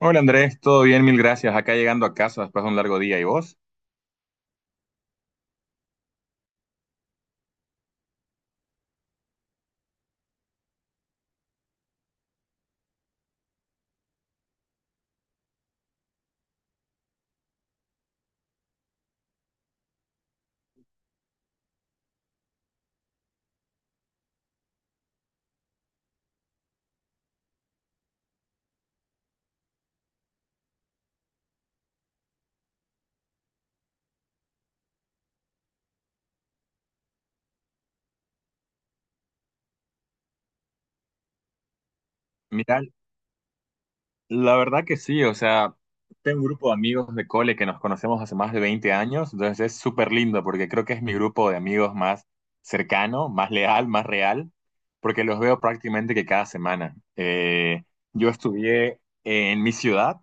Hola Andrés, todo bien, mil gracias. Acá llegando a casa después de un largo día. ¿Y vos? Mira, la verdad que sí, o sea, tengo un grupo de amigos de cole que nos conocemos hace más de 20 años, entonces es súper lindo porque creo que es mi grupo de amigos más cercano, más leal, más real, porque los veo prácticamente que cada semana. Yo estudié en mi ciudad,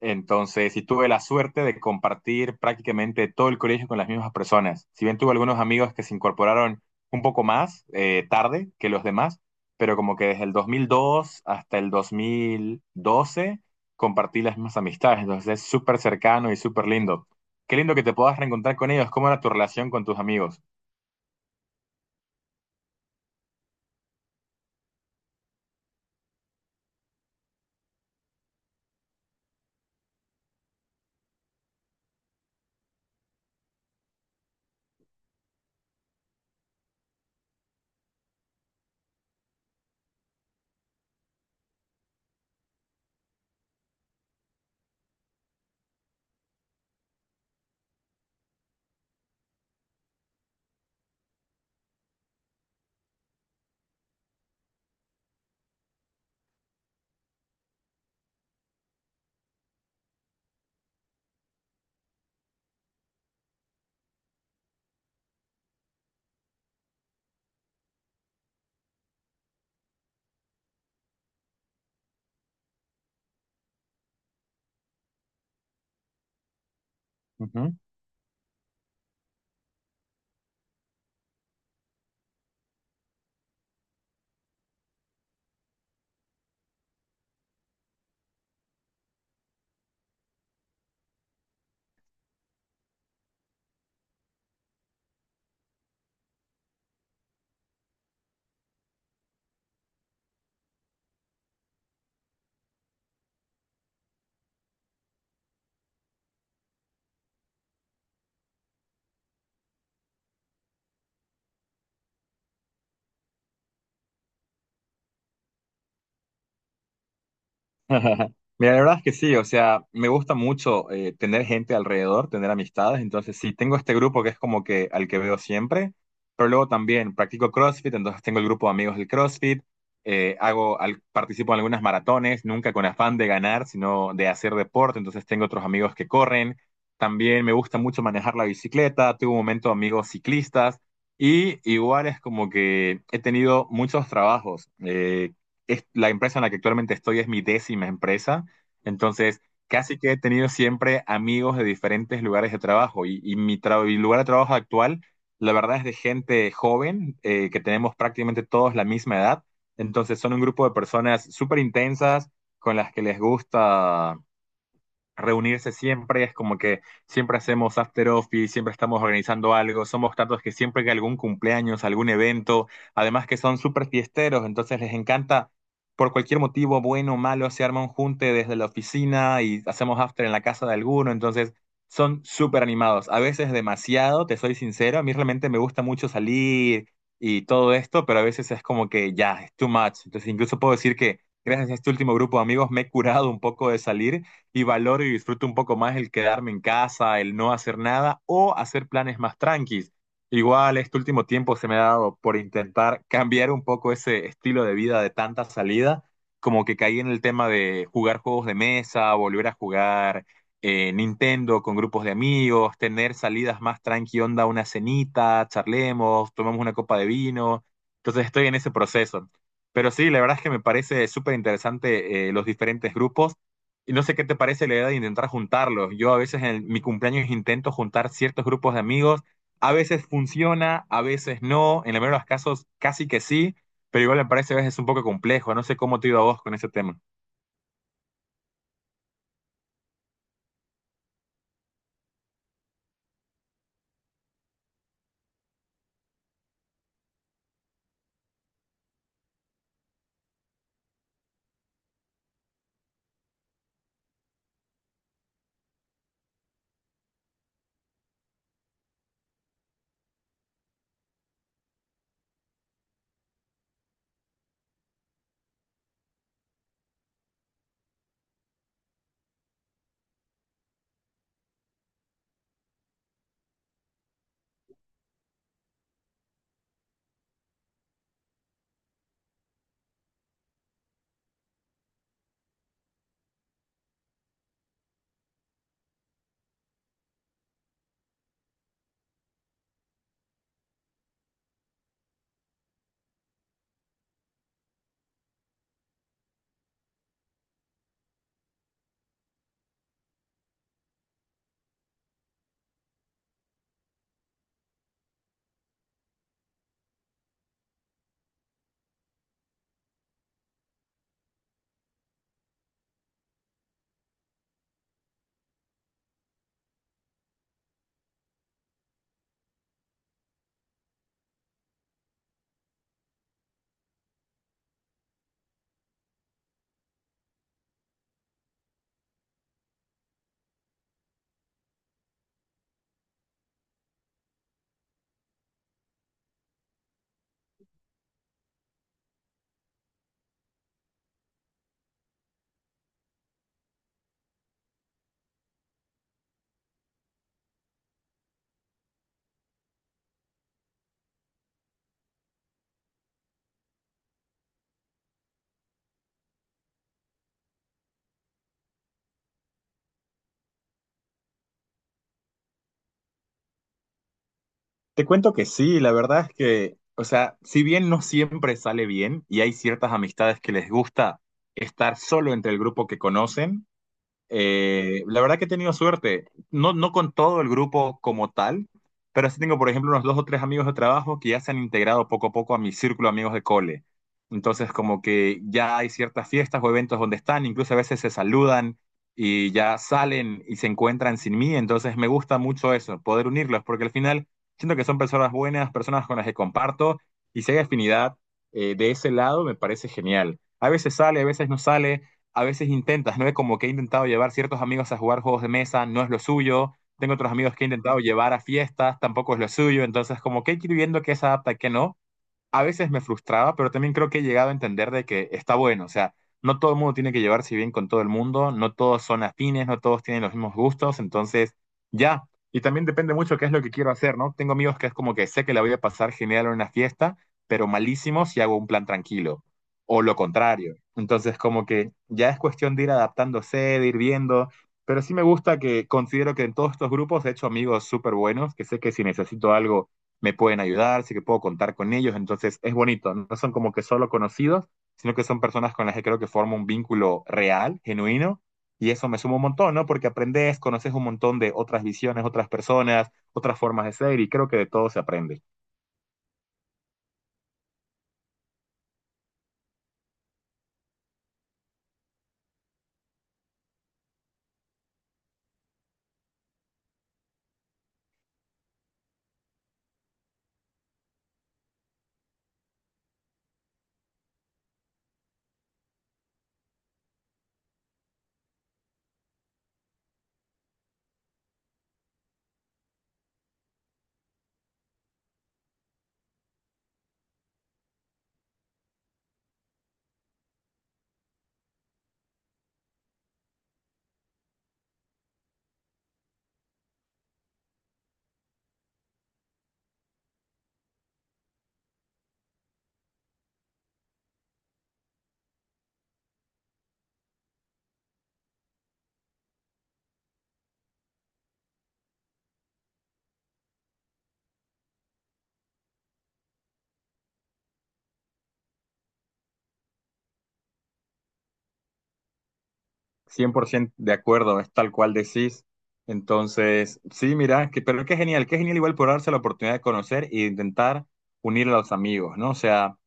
entonces y tuve la suerte de compartir prácticamente todo el colegio con las mismas personas. Si bien tuve algunos amigos que se incorporaron un poco más tarde que los demás, pero como que desde el 2002 hasta el 2012 compartí las mismas amistades, entonces es súper cercano y súper lindo. Qué lindo que te puedas reencontrar con ellos, cómo era tu relación con tus amigos. Mira, la verdad es que sí, o sea, me gusta mucho tener gente alrededor, tener amistades, entonces sí, tengo este grupo que es como que al que veo siempre, pero luego también practico CrossFit, entonces tengo el grupo de amigos del CrossFit, hago, participo en algunas maratones, nunca con afán de ganar, sino de hacer deporte, entonces tengo otros amigos que corren, también me gusta mucho manejar la bicicleta, tuve un momento amigos ciclistas, y igual es como que he tenido muchos trabajos. La empresa en la que actualmente estoy es mi décima empresa, entonces casi que he tenido siempre amigos de diferentes lugares de trabajo y mi, mi lugar de trabajo actual, la verdad es de gente joven, que tenemos prácticamente todos la misma edad, entonces son un grupo de personas súper intensas con las que les gusta reunirse siempre, es como que siempre hacemos after office, siempre estamos organizando algo, somos tantos que siempre que algún cumpleaños, algún evento, además que son súper fiesteros, entonces les encanta por cualquier motivo, bueno o malo, se arma un junte desde la oficina y hacemos after en la casa de alguno, entonces son súper animados, a veces demasiado, te soy sincero, a mí realmente me gusta mucho salir y todo esto, pero a veces es como que ya, es too much, entonces incluso puedo decir que… Gracias a este último grupo de amigos me he curado un poco de salir, y valoro y disfruto un poco más el quedarme en casa, el no hacer nada o hacer planes más tranquilos. Igual este último tiempo se me ha dado por intentar cambiar un poco ese estilo de vida de tanta salida, como que caí en el tema de jugar juegos de mesa, volver a jugar Nintendo con grupos de amigos, tener salidas más tranqui onda, una cenita, charlemos, tomamos una copa de vino. Entonces estoy en ese proceso. Pero sí, la verdad es que me parece súper interesante los diferentes grupos y no sé qué te parece la idea de intentar juntarlos. Yo a veces en mi cumpleaños intento juntar ciertos grupos de amigos. A veces funciona, a veces no. En el mayoría de los casos casi que sí, pero igual me parece a veces un poco complejo. No sé cómo te ha ido a vos con ese tema. Te cuento que sí, la verdad es que, o sea, si bien no siempre sale bien y hay ciertas amistades que les gusta estar solo entre el grupo que conocen. La verdad que he tenido suerte, no, no con todo el grupo como tal, pero sí tengo, por ejemplo, unos dos o tres amigos de trabajo que ya se han integrado poco a poco a mi círculo de amigos de cole. Entonces, como que ya hay ciertas fiestas o eventos donde están, incluso a veces se saludan y ya salen y se encuentran sin mí. Entonces, me gusta mucho eso, poder unirlos, porque al final siento que son personas buenas, personas con las que comparto y si hay afinidad de ese lado, me parece genial. A veces sale, a veces no sale, a veces intentas, ¿no? Como que he intentado llevar ciertos amigos a jugar juegos de mesa, no es lo suyo. Tengo otros amigos que he intentado llevar a fiestas, tampoco es lo suyo. Entonces, como que hay que ir viendo qué se adapta y qué no. A veces me frustraba, pero también creo que he llegado a entender de que está bueno, o sea, no todo el mundo tiene que llevarse bien con todo el mundo, no todos son afines, no todos tienen los mismos gustos, entonces ya. Y también depende mucho qué es lo que quiero hacer, ¿no? Tengo amigos que es como que sé que la voy a pasar genial en una fiesta, pero malísimo si hago un plan tranquilo, o lo contrario. Entonces, como que ya es cuestión de ir adaptándose, de ir viendo, pero sí me gusta que considero que en todos estos grupos he hecho amigos súper buenos, que sé que si necesito algo me pueden ayudar, sé que puedo contar con ellos, entonces es bonito, no son como que solo conocidos, sino que son personas con las que creo que formo un vínculo real, genuino, y eso me suma un montón, ¿no? Porque aprendes, conoces un montón de otras visiones, otras personas, otras formas de ser, y creo que de todo se aprende. 100% de acuerdo, es tal cual decís. Entonces, sí, mira, que, pero qué genial igual por darse la oportunidad de conocer e intentar unir a los amigos, ¿no? O sea,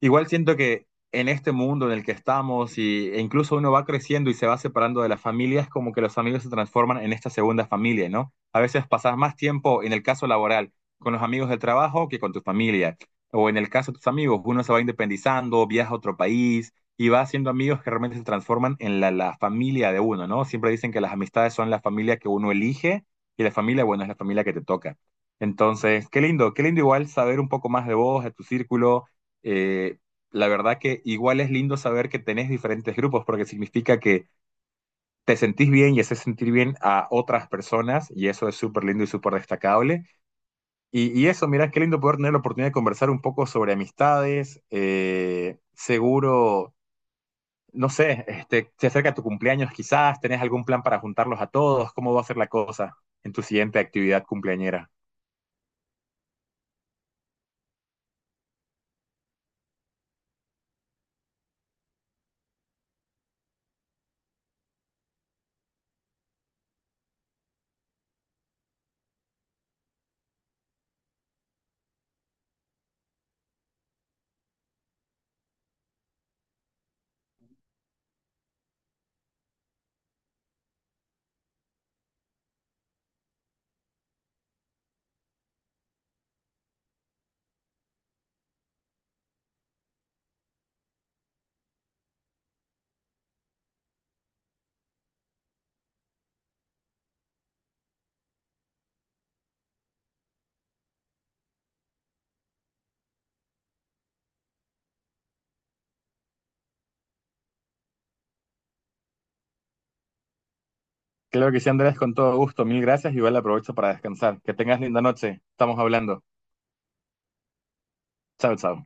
igual siento que en este mundo en el que estamos y, e incluso uno va creciendo y se va separando de la familia, es como que los amigos se transforman en esta segunda familia, ¿no? A veces pasas más tiempo, en el caso laboral, con los amigos del trabajo que con tu familia. O en el caso de tus amigos, uno se va independizando, viaja a otro país y va haciendo amigos que realmente se transforman en la, la familia de uno, ¿no? Siempre dicen que las amistades son la familia que uno elige y la familia, bueno, es la familia que te toca. Entonces, qué lindo igual saber un poco más de vos, de tu círculo, eh, la verdad que igual es lindo saber que tenés diferentes grupos porque significa que te sentís bien y haces sentir bien a otras personas y eso es súper lindo y súper destacable. Y, eso, mira, qué lindo poder tener la oportunidad de conversar un poco sobre amistades. Seguro, no sé, este, se acerca tu cumpleaños quizás, tenés algún plan para juntarlos a todos, ¿cómo va a ser la cosa en tu siguiente actividad cumpleañera? Claro que sí, Andrés, con todo gusto. Mil gracias. Igual aprovecho para descansar. Que tengas linda noche. Estamos hablando. Chao, chao.